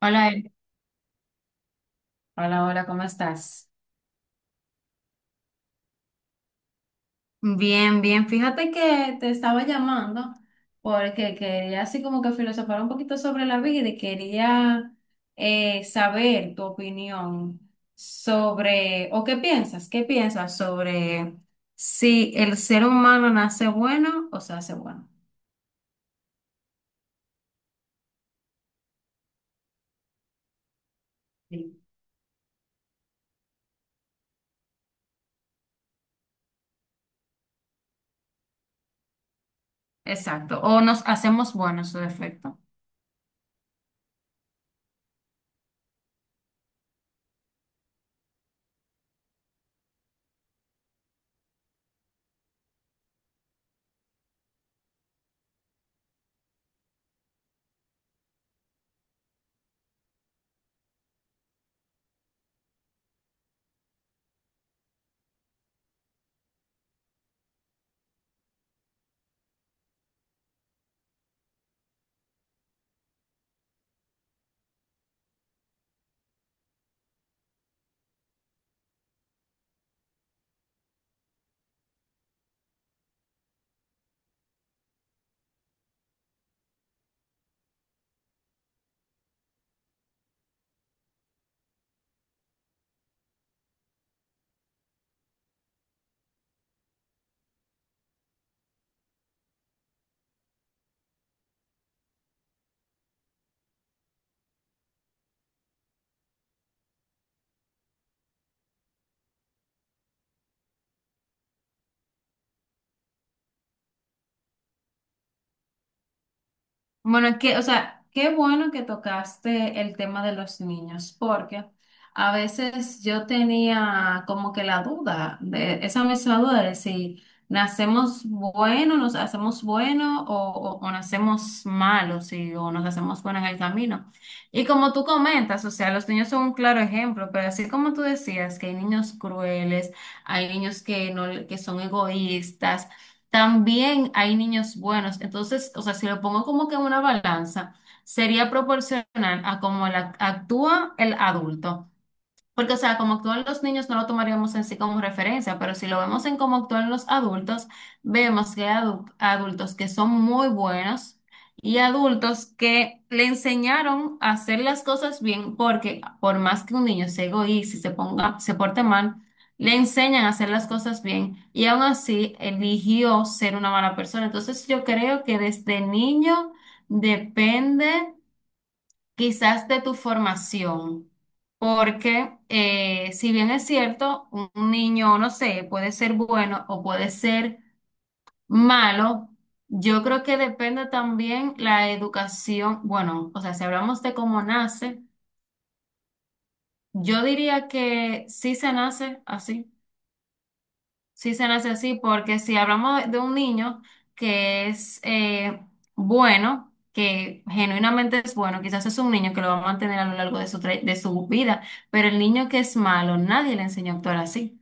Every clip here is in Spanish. Hola, Eric. Hola, hola, ¿cómo estás? Bien, bien. Fíjate que te estaba llamando porque quería así como que filosofar un poquito sobre la vida y quería saber tu opinión sobre, o qué piensas sobre si el ser humano nace bueno o se hace bueno. Sí. Exacto, o nos hacemos buenos, su defecto. Bueno, es que, o sea, qué bueno que tocaste el tema de los niños, porque a veces yo tenía como que la duda, de, esa misma duda de si nacemos buenos, nos hacemos buenos o, o nacemos malos y, o nos hacemos buenos en el camino. Y como tú comentas, o sea, los niños son un claro ejemplo, pero así como tú decías que hay niños crueles, hay niños que, no, que son egoístas. También hay niños buenos. Entonces, o sea, si lo pongo como que en una balanza, sería proporcional a cómo actúa el adulto. Porque, o sea, como actúan los niños no lo tomaríamos en sí como referencia, pero si lo vemos en cómo actúan los adultos, vemos que hay adultos que son muy buenos y adultos que le enseñaron a hacer las cosas bien, porque por más que un niño se egoíste y se ponga, se porte mal, le enseñan a hacer las cosas bien y aún así eligió ser una mala persona. Entonces, yo creo que desde niño depende quizás de tu formación, porque si bien es cierto, un niño, no sé, puede ser bueno o puede ser malo, yo creo que depende también la educación, bueno, o sea, si hablamos de cómo nace, yo diría que sí se nace así. Sí se nace así, porque si hablamos de un niño que es bueno, que genuinamente es bueno, quizás es un niño que lo va a mantener a lo largo de su, de su vida, pero el niño que es malo, nadie le enseñó a actuar así.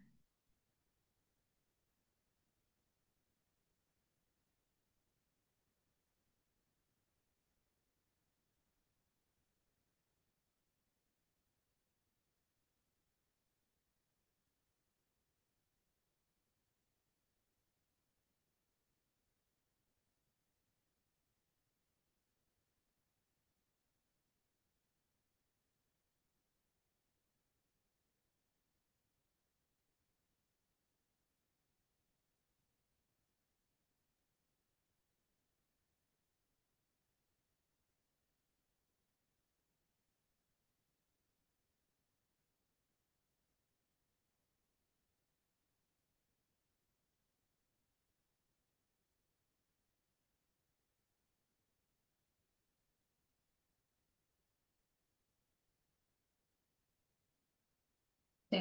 Sí.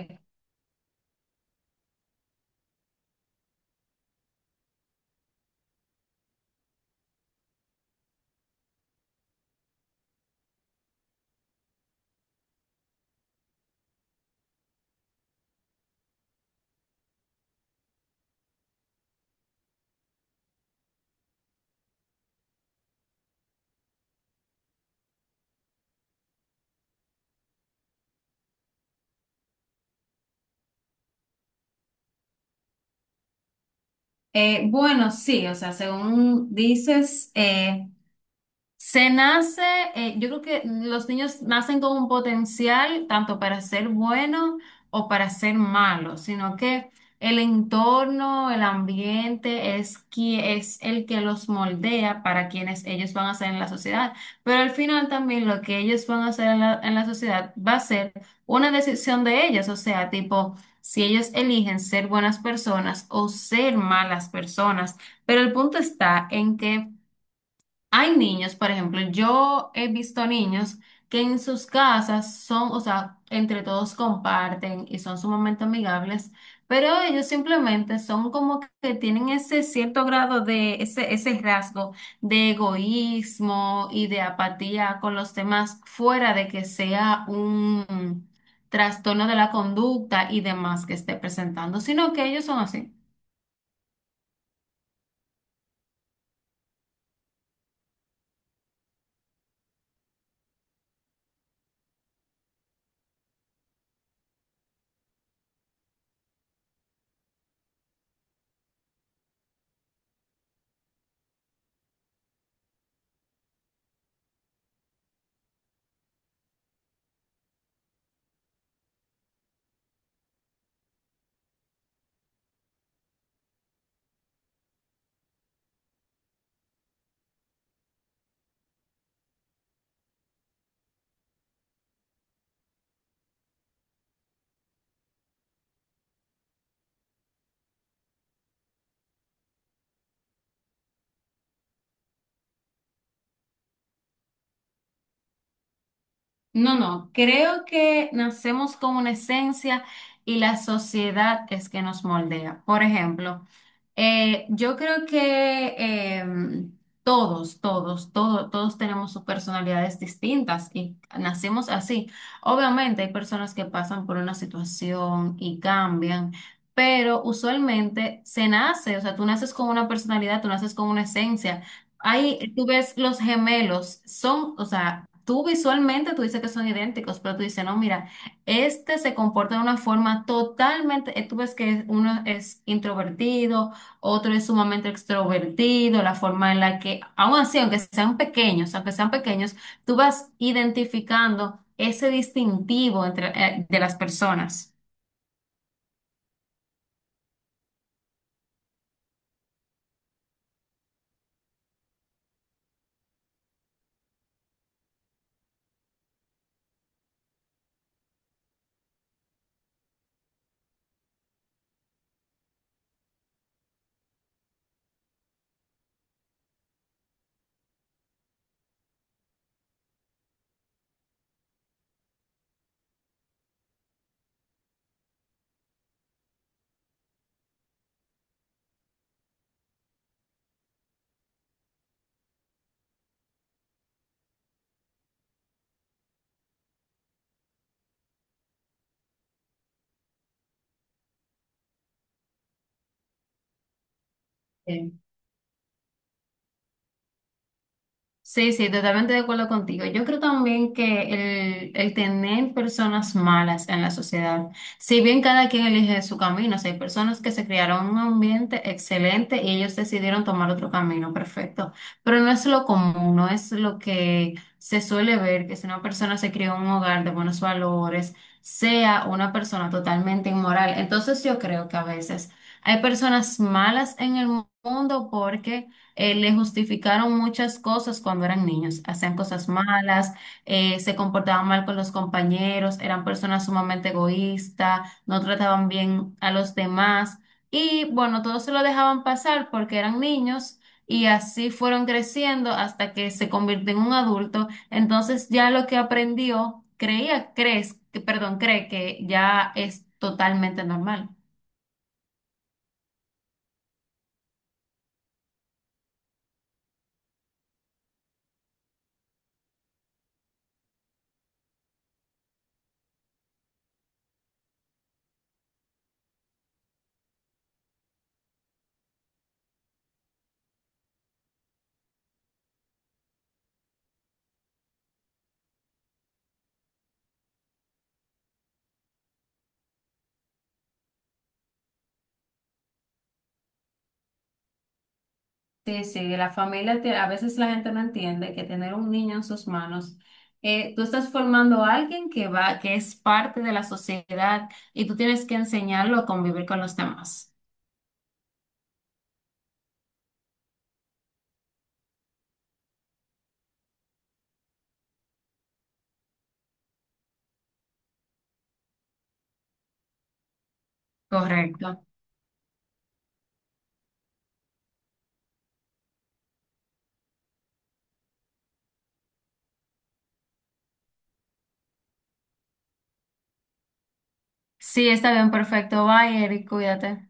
Bueno, sí, o sea, según dices, se nace, yo creo que los niños nacen con un potencial tanto para ser bueno o para ser malo, sino que el entorno, el ambiente es, es el que los moldea para quienes ellos van a ser en la sociedad. Pero al final también lo que ellos van a hacer en en la sociedad va a ser una decisión de ellos, o sea, tipo, si ellos eligen ser buenas personas o ser malas personas. Pero el punto está en que... Hay niños, por ejemplo, yo he visto niños que en sus casas son, o sea, entre todos comparten y son sumamente amigables, pero ellos simplemente son como que tienen ese cierto grado de, ese rasgo de egoísmo y de apatía con los demás, fuera de que sea un trastorno de la conducta y demás que esté presentando, sino que ellos son así. No, no, creo que nacemos con una esencia y la sociedad es que nos moldea. Por ejemplo, yo creo que em, todos, todos, todos, todos tenemos sus personalidades distintas y nacemos así. Obviamente hay personas que pasan por una situación y cambian, pero usualmente se nace, o sea, tú naces con una personalidad, tú naces con una esencia. Ahí tú ves los gemelos, son, o sea, tú visualmente tú dices que son idénticos, pero tú dices, no, mira, este se comporta de una forma totalmente, tú ves que uno es introvertido, otro es sumamente extrovertido, la forma en la que, aún así, aunque sean pequeños, tú vas identificando ese distintivo entre, de las personas. Sí, sí, totalmente de acuerdo contigo. Yo creo también que el tener personas malas en la sociedad, si bien cada quien elige su camino, o sea, hay personas que se criaron en un ambiente excelente y ellos decidieron tomar otro camino, perfecto, pero no es lo común, no es lo que se suele ver, que si una persona se crió en un hogar de buenos valores, sea una persona totalmente inmoral. Entonces yo creo que a veces hay personas malas en el mundo porque le justificaron muchas cosas cuando eran niños. Hacían cosas malas, se comportaban mal con los compañeros, eran personas sumamente egoístas, no trataban bien a los demás. Y bueno, todos se lo dejaban pasar porque eran niños y así fueron creciendo hasta que se convirtió en un adulto. Entonces ya lo que aprendió, creía, crees, que- perdón, cree que ya es totalmente normal. Sí, sí, la familia, a veces la gente no entiende que tener un niño en sus manos, tú estás formando a alguien que es parte de la sociedad y tú tienes que enseñarlo a convivir con los demás. Correcto. Sí, está bien, perfecto. Bye, Eric, cuídate.